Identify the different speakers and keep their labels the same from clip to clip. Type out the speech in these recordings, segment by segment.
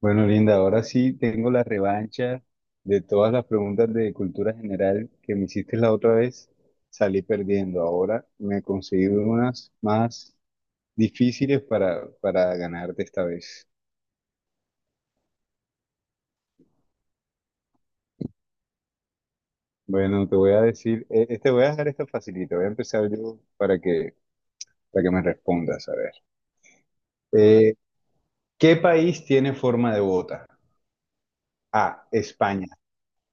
Speaker 1: Bueno, Linda, ahora sí tengo la revancha de todas las preguntas de cultura general que me hiciste la otra vez. Salí perdiendo. Ahora me he conseguido unas más difíciles para ganarte esta vez. Bueno, te voy a decir, te voy a dejar esta facilita. Voy a empezar yo para que me respondas. A ver. Eh, ¿qué país tiene forma de bota? A, España.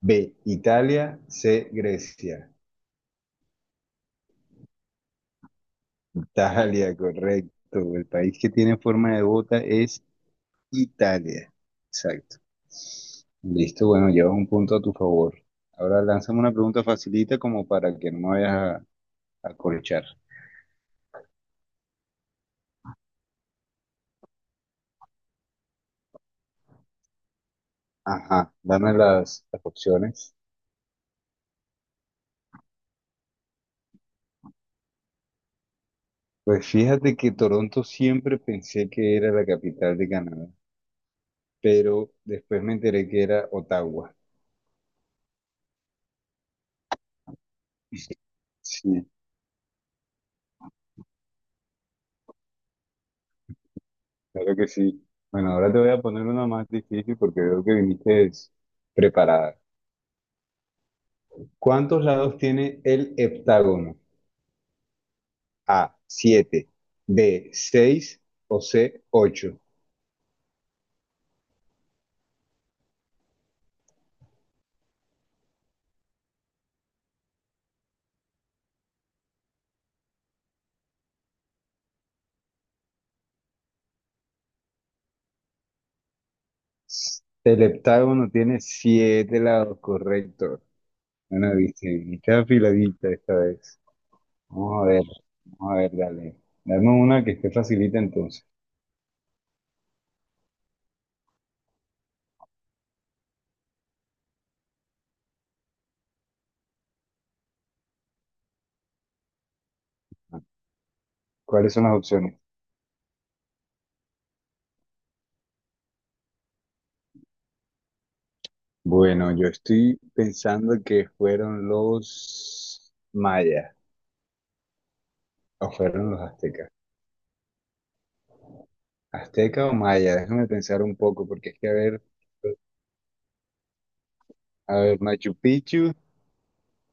Speaker 1: B, Italia. C, Grecia. Italia, correcto. El país que tiene forma de bota es Italia. Exacto. Listo, bueno, llevas un punto a tu favor. Ahora lánzame una pregunta facilita como para que no me vayas a corchar. Ajá, dame las opciones. Pues fíjate que Toronto siempre pensé que era la capital de Canadá, pero después me enteré que era Ottawa. Sí, claro que sí. Bueno, ahora te voy a poner una más difícil porque veo que viniste preparada. ¿Cuántos lados tiene el heptágono? A, 7, B, 6 o C, 8. El heptágono tiene siete lados, correcto. Bueno, dice, está afiladita esta vez. Vamos a ver, vamos a ver, dale. Dame una que esté facilita entonces. ¿Cuáles son las opciones? Bueno, yo estoy pensando que fueron los mayas o fueron los aztecas. ¿Azteca o maya? Déjame pensar un poco porque es que a ver. A ver, Machu Picchu,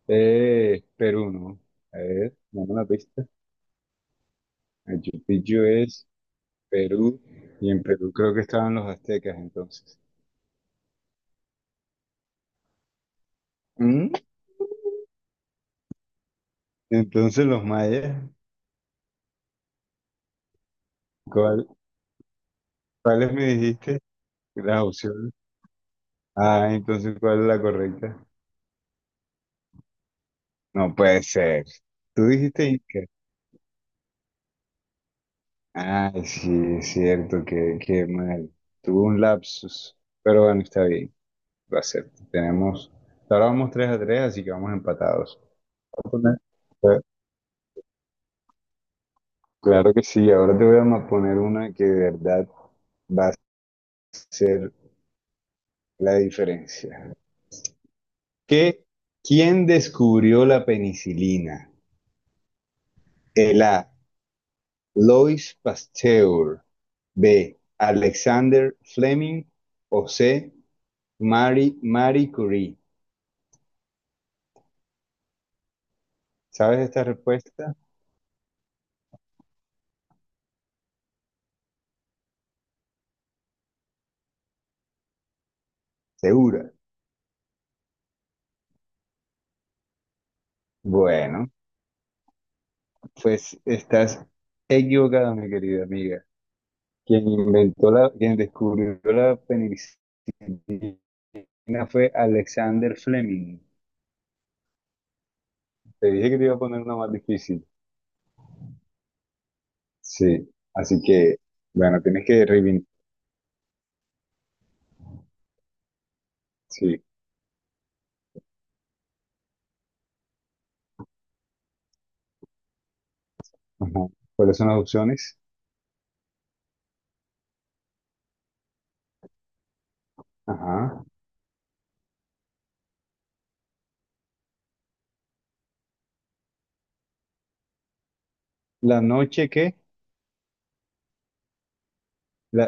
Speaker 1: Perú, ¿no? A ver, dame una pista. Machu Picchu es Perú, y en Perú creo que estaban los aztecas entonces. ¿Mm? Entonces los mayas, ¿cuál, cuáles me dijiste? Las opciones. Ah, entonces, ¿cuál es la correcta? No puede ser. Tú dijiste Inca. Ay, sí, es cierto, que qué mal. Tuvo un lapsus, pero bueno, está bien, lo acepto. Tenemos, ahora vamos 3 a tres, así que vamos empatados. poner- Cla- Claro que sí, ahora te voy a poner una que de verdad va a ser la diferencia. ¿Qué? ¿Quién descubrió la penicilina? El A. Lois Pasteur. B. Alexander Fleming. O C. Marie Curie. ¿Sabes esta respuesta? Segura. Bueno, pues estás equivocada, mi querida amiga. Quien descubrió la penicilina una fue Alexander Fleming. Te dije que te iba a poner una más difícil. Sí, así que, bueno, tienes que reivindicar. Sí. Ajá. ¿Cuáles son las opciones? Ajá. La noche qué la,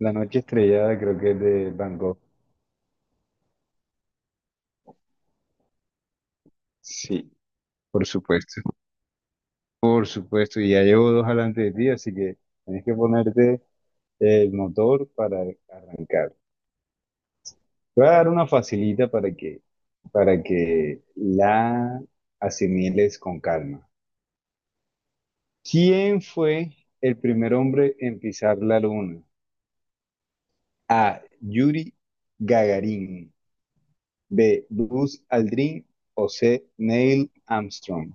Speaker 1: la noche estrellada creo que es de Van Gogh. Sí, por supuesto. Por supuesto, y ya llevo dos adelante de ti, así que tienes que ponerte el motor para arrancar. Te voy a dar una facilita para que, la asimiles con calma. ¿Quién fue el primer hombre en pisar la luna? A. Yuri Gagarin. B. Buzz Aldrin. O C. Neil Armstrong.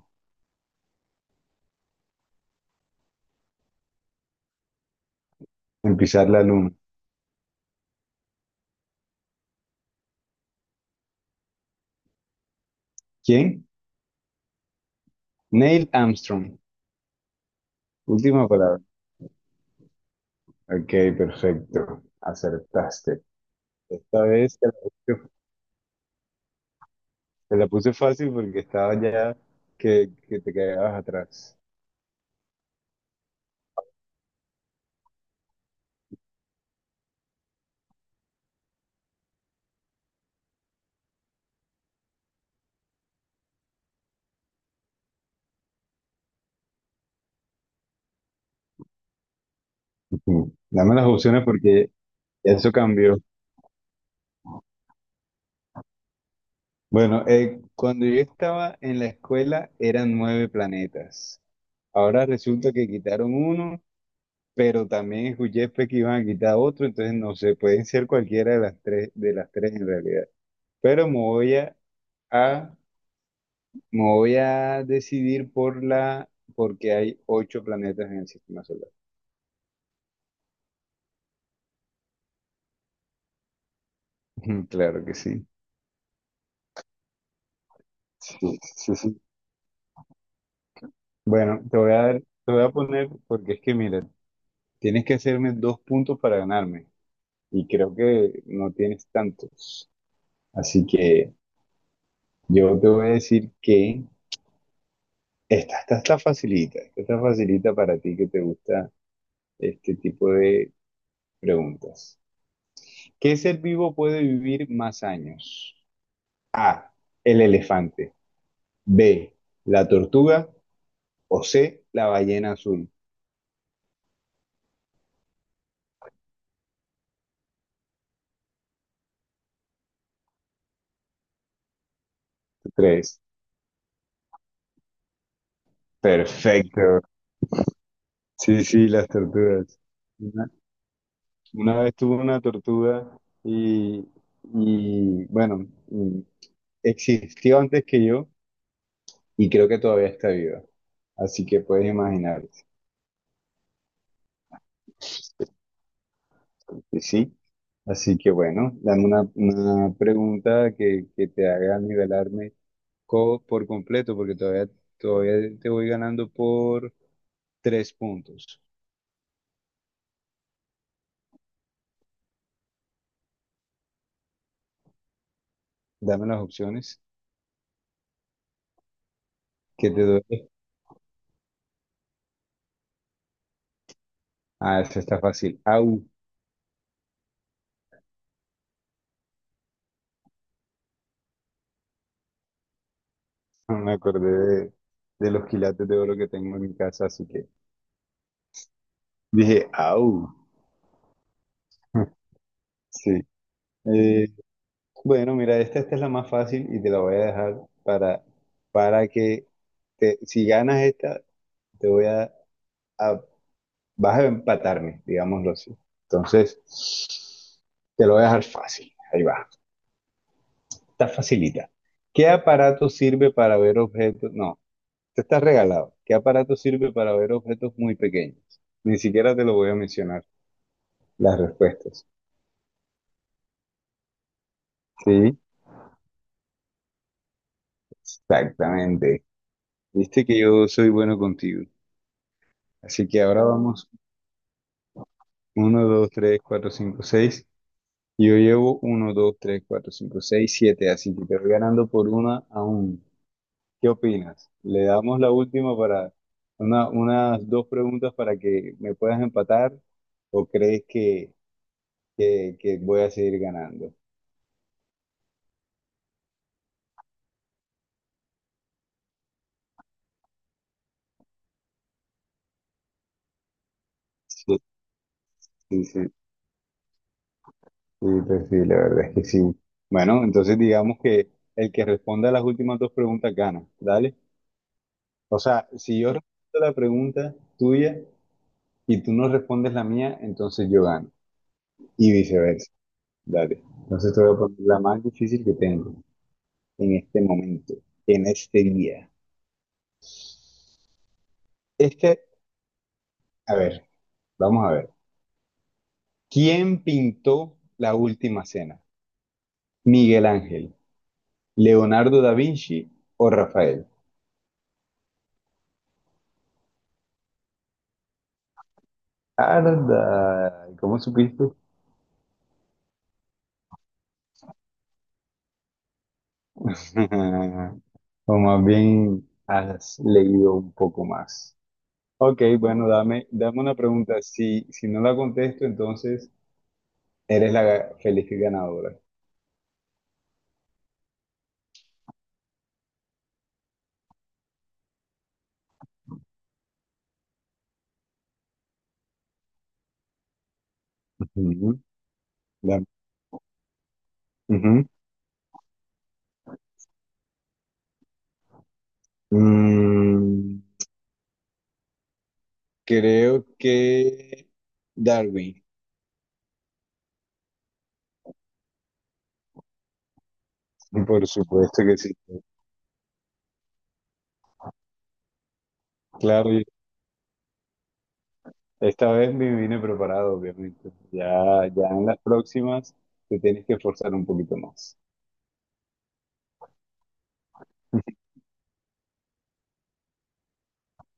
Speaker 1: En pisar la luna. ¿Quién? Neil Armstrong. Última palabra. Ok, perfecto. Acertaste. Esta vez puse, te la puse fácil porque estaba ya que te quedabas atrás. Ujú. Dame las opciones porque eso cambió. Bueno, cuando yo estaba en la escuela eran nueve planetas. Ahora resulta que quitaron uno, pero también escuché pues, que iban a quitar otro, entonces no sé, pueden ser cualquiera de las tres en realidad. Pero a- me voy a decidir porque hay ocho planetas en el sistema solar. Ujú. Claro que sí. Sí, sí, sí. Bueno, te voy a poner, porque es que mira, tienes que hacerme dos puntos para ganarme, y creo que no tienes tantos. Así que yo te voy a decir que esta está facilita, esta está facilita para ti que te gusta este tipo de preguntas. ¿Qué ser vivo puede vivir más años? A, el elefante, B, la tortuga o C, la ballena azul. Tres. Perfecto. Sí, sí, las tortugas. Una, una vez tuve una tortuga y, y, bueno, existió antes que yo y creo que todavía está viva. Así que puedes imaginar, sí. Sí. Así que bueno, dame una pregunta que te haga nivelarme por completo, porque todavía, todavía te voy ganando por tres puntos. Dame las opciones que te doy. Ah, eso está fácil. Au, no me acordé de, de los quilates de oro que tengo en mi casa, así que dije, au. Sí. eh, Bueno, mira, esta es la más fácil y te la voy a dejar para, que si ganas esta, te voy a- vas a empatarme, digámoslo así. Entonces, te lo voy a dejar fácil. Ahí va. Está facilita. ¿Qué aparato sirve para ver objetos? No, te estás regalado. ¿Qué aparato sirve para ver objetos muy pequeños? Ni siquiera te lo voy a mencionar las respuestas. Sí, exactamente. Viste que yo soy bueno contigo. Así que ahora vamos 1, 2, 3, 4, 5, 6. Yo llevo uno, dos, tres, cuatro, cinco, seis, siete. Así que te voy ganando por una a uno. ¿Qué opinas? Le damos la última para unas dos preguntas para que me puedas empatar o crees que voy a seguir ganando. Sí, sí, sí, sí, pues sí, la verdad es que sí. Bueno, entonces digamos que el que responda a las últimas dos preguntas gana, ¿dale? O sea, si yo respondo la pregunta tuya, y tú no respondes la mía, entonces yo gano. Y viceversa. Dale. Entonces te voy a poner la más difícil que tengo en este momento, en este día. Este, a ver, vamos a ver. ¿Quién pintó la última cena? ¿Miguel Ángel, Leonardo da Vinci o Rafael? Arda, ¿cómo supiste? O más bien has leído un poco más. Ok, bueno, dame una pregunta. Si no la contesto, entonces eres la feliz ganadora. Ujú. Da- ujú. Mm, creo que Darwin. Por supuesto que sí. Claro, y esta vez me vine preparado, obviamente. Ya, ya en las próximas te tienes que esforzar un poquito más.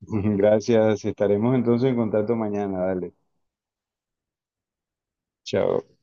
Speaker 1: Gracias. Estaremos entonces en contacto mañana. Dale. Chao.